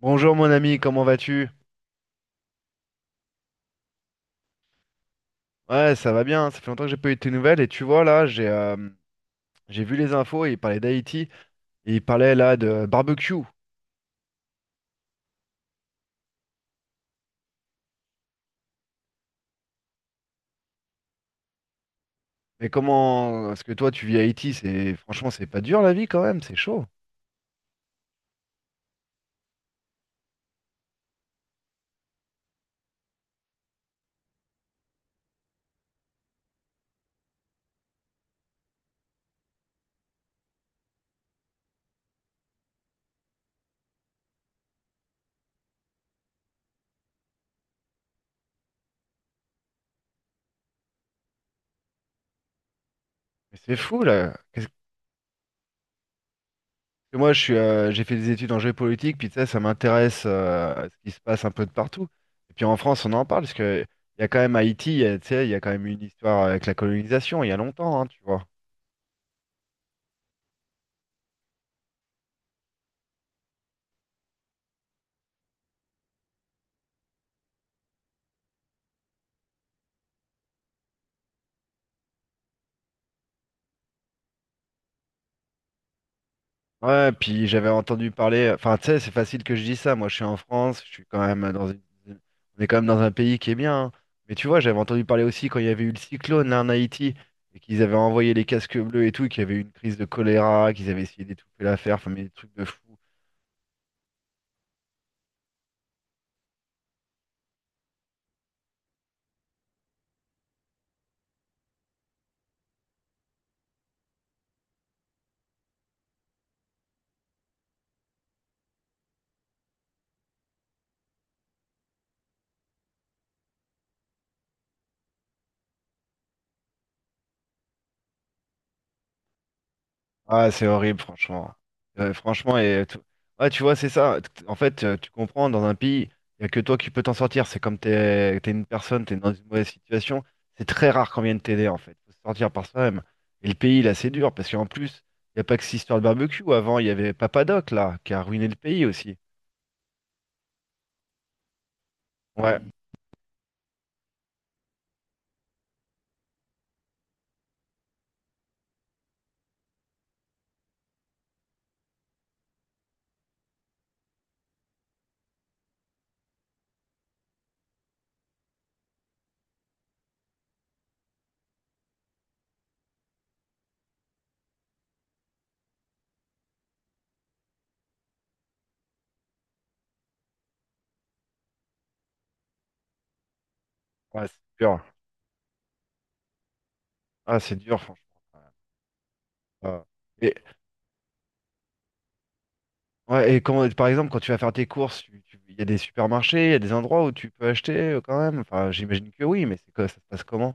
Bonjour mon ami, comment vas-tu? Ouais, ça va bien, ça fait longtemps que j'ai pas eu de tes nouvelles et tu vois là, j'ai vu les infos, il parlait d'Haïti et il parlait là de barbecue. Mais comment parce que toi tu vis à Haïti, c'est franchement c'est pas dur la vie quand même, c'est chaud. Mais c'est fou là. Qu'est-ce que moi je suis j'ai fait des études en géopolitique, puis tu sais, ça m'intéresse à ce qui se passe un peu de partout. Et puis en France, on en parle parce que il y a quand même Haïti, tu sais, il y a quand même une histoire avec la colonisation, il y a longtemps, hein, tu vois. Ouais, puis j'avais entendu parler, enfin tu sais, c'est facile que je dise ça, moi je suis en France, je suis quand même dans une... on est quand même dans un pays qui est bien, hein. Mais tu vois, j'avais entendu parler aussi quand il y avait eu le cyclone là en Haïti, et qu'ils avaient envoyé les casques bleus et tout, et qu'il y avait eu une crise de choléra, qu'ils avaient essayé d'étouffer l'affaire, enfin mais des trucs de fou. Ah, c'est horrible, franchement. Franchement, ouais, tu vois, c'est ça. En fait, tu comprends, dans un pays, il n'y a que toi qui peux t'en sortir. C'est comme t'es une personne, t'es dans une mauvaise situation. C'est très rare qu'on vienne t'aider, en fait. Faut se sortir par soi-même. Et le pays, là, c'est dur, parce qu'en plus, il n'y a pas que cette histoire de barbecue. Avant, il y avait Papadoc, là, qui a ruiné le pays aussi. Ouais, ouais, c'est dur. Ah, c'est dur, franchement. Ouais. Ah. Ouais, et quand, par exemple, quand tu vas faire tes courses, il y a des supermarchés, il y a des endroits où tu peux acheter quand même. Enfin, j'imagine que oui, mais c'est quoi, ça se passe comment?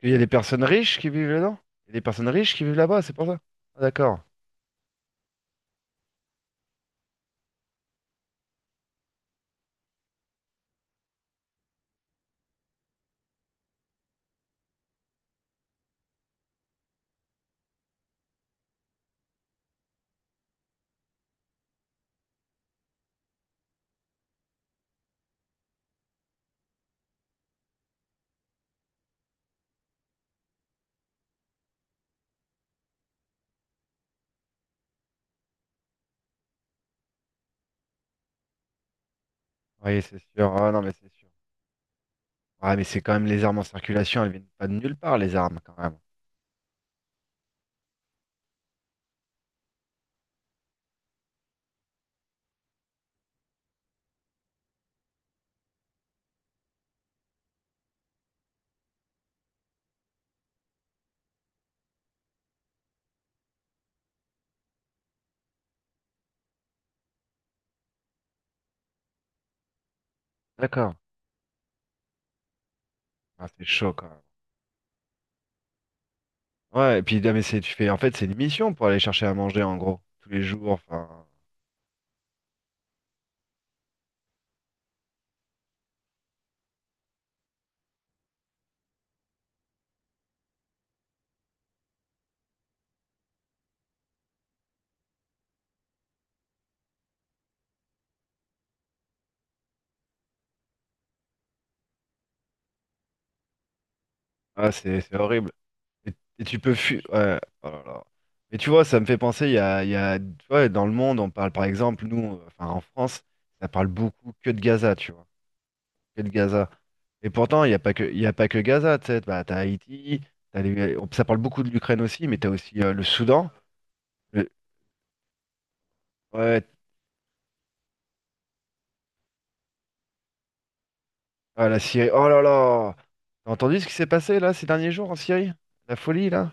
Il y a des personnes riches qui vivent là-dedans? Il y a des personnes riches qui vivent là-bas, c'est pour ça? Ah, d'accord. Oui, c'est sûr. Ah, non, mais c'est sûr. Ah, mais c'est quand même les armes en circulation, elles viennent pas de nulle part, les armes, quand même. D'accord. Ah, c'est chaud, quand même. Ouais, et puis, non, mais c'est, tu fais, en fait, c'est une mission pour aller chercher à manger, en gros, tous les jours. Enfin, ah, c'est horrible. Et, et tu peux fuir. Ouais, oh là là. Mais tu vois, ça me fait penser, tu vois, dans le monde, on parle par exemple, nous, enfin en France, ça parle beaucoup que de Gaza, tu vois, que de Gaza. Et pourtant, il y a pas que Gaza, tu sais, bah, t'as Haïti, ça parle beaucoup de l'Ukraine aussi, mais t'as aussi le Soudan, le- ouais, ah, la Syrie. Oh là là! T'as entendu ce qui s'est passé là ces derniers jours en Syrie? La folie là?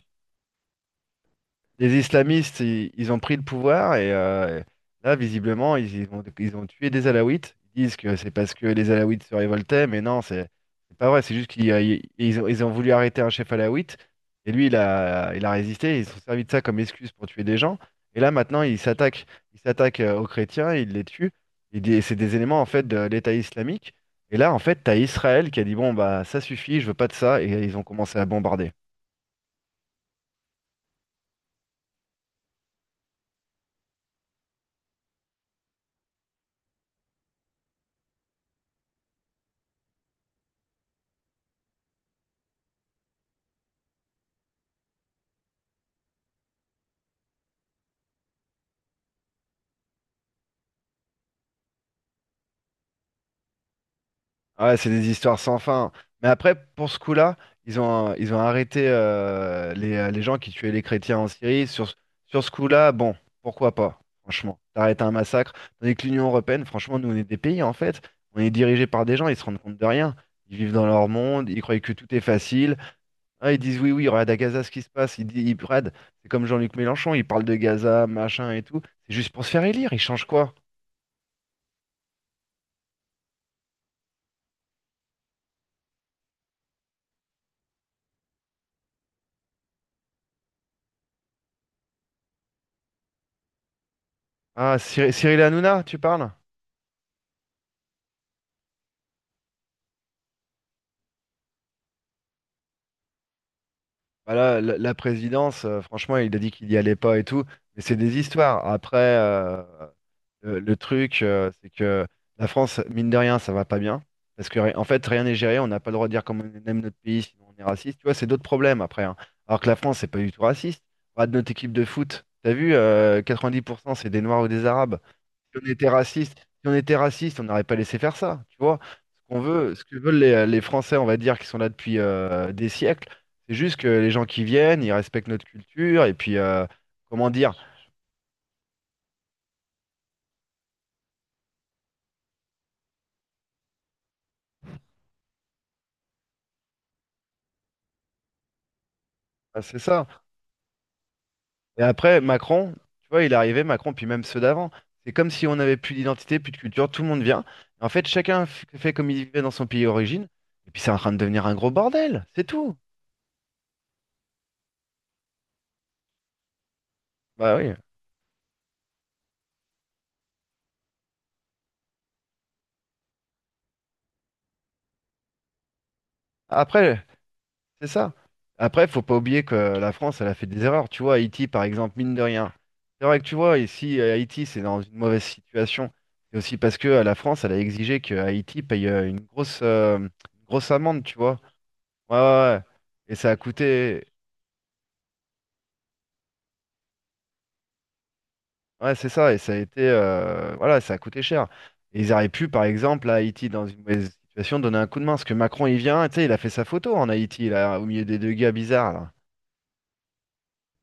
Les islamistes, ils ont pris le pouvoir et là, visiblement, ils ont, ils ont tué des Alaouites. Ils disent que c'est parce que les Alaouites se révoltaient, mais non, c'est pas vrai. C'est juste qu'ils ils ont voulu arrêter un chef Alaouite et lui, il a résisté. Ils se sont servis de ça comme excuse pour tuer des gens. Et là, maintenant, ils s'attaquent aux chrétiens, ils les tuent. C'est des éléments en fait de l'État islamique. Et là, en fait, t'as Israël qui a dit bon bah ça suffit, je veux pas de ça, et ils ont commencé à bombarder. Ah ouais, c'est des histoires sans fin. Mais après, pour ce coup-là, ils ont arrêté les gens qui tuaient les chrétiens en Syrie. Sur ce coup-là, bon, pourquoi pas, franchement. T'arrêtes un massacre. Tandis que l'Union européenne, franchement, nous, on est des pays, en fait. On est dirigés par des gens, ils se rendent compte de rien. Ils vivent dans leur monde, ils croient que tout est facile. Ah, ils disent oui, oui, regarde à Gaza ce qui se passe. Ils disent, ils, regarde, c'est comme Jean-Luc Mélenchon, il parle de Gaza, machin et tout. C'est juste pour se faire élire, ils changent quoi? Ah, Cyril Hanouna, tu parles? Bah là, la présidence, franchement, il a dit qu'il y allait pas et tout, mais c'est des histoires. Après, le truc, c'est que la France, mine de rien, ça va pas bien. Parce que, en fait, rien n'est géré, on n'a pas le droit de dire comment on aime notre pays, sinon on est raciste. Tu vois, c'est d'autres problèmes après, hein. Alors que la France, c'est pas du tout raciste. Regarde notre équipe de foot, t'as vu, 90% c'est des Noirs ou des Arabes. Si on était raciste, on n'aurait pas laissé faire ça, tu vois. Ce qu'on veut, ce que veulent les Français, on va dire, qui sont là depuis des siècles. C'est juste que les gens qui viennent, ils respectent notre culture, et puis, comment dire, bah, c'est ça. Et après, Macron, tu vois, il est arrivé, Macron, puis même ceux d'avant. C'est comme si on n'avait plus d'identité, plus de culture, tout le monde vient. En fait, fait comme il vivait dans son pays d'origine, et puis c'est en train de devenir un gros bordel, c'est tout. Bah oui. Après. C'est ça. Après, faut pas oublier que la France, elle a fait des erreurs. Tu vois, Haïti, par exemple, mine de rien. C'est vrai que tu vois, ici, Haïti, c'est dans une mauvaise situation. C'est aussi parce que la France, elle a exigé que Haïti paye une grosse, une grosse amende, tu vois. Ouais, ouais, ouais. Et ça a coûté. Ouais, c'est ça. Et ça a été. Euh, voilà, ça a coûté cher. Et ils auraient pu, par exemple, à Haïti, dans une mauvaise situation, donner un coup de main. Parce que Macron, il vient, tu sais, il a fait sa photo en Haïti, là, au milieu des deux gars bizarres, là.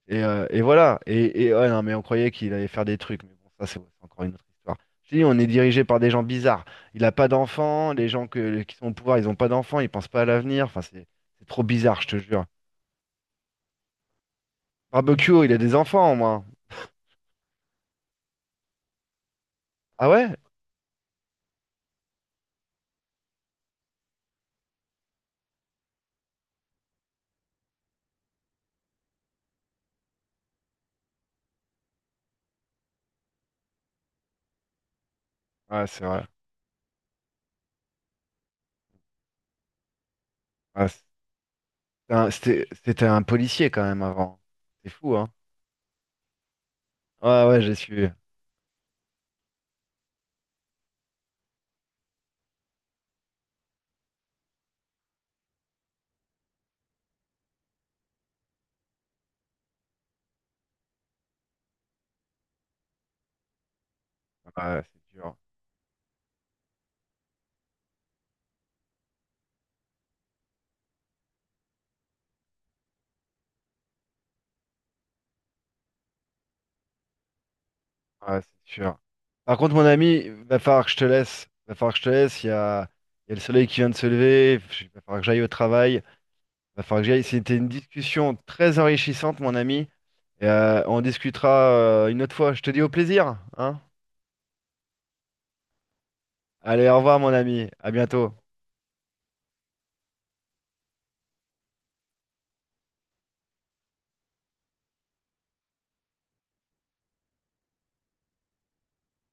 Et voilà. Et ouais, non, mais on croyait qu'il allait faire des trucs. Mais bon, ça, c'est encore une autre histoire. Je te dis, on est dirigé par des gens bizarres. Il n'a pas d'enfants. Qui sont au pouvoir, ils n'ont pas d'enfants. Ils pensent pas à l'avenir. Enfin, c'est trop bizarre, je te jure. Barbecue, il a des enfants, au moins. Ah ouais? Ouais, c'est vrai. Ouais, c'était C'était un policier, quand même, avant. C'est fou, hein? Ouais, ouais, j'ai su. Ouais, c'est dur. Ouais, c'est sûr. Par contre, mon ami, va falloir que je te laisse. Va falloir que je te laisse. Il y a le soleil qui vient de se lever. Il va falloir que j'aille au travail. Va falloir que j'aille. C'était une discussion très enrichissante, mon ami. Et, on discutera une autre fois. Je te dis au plaisir, hein? Allez, au revoir, mon ami. À bientôt.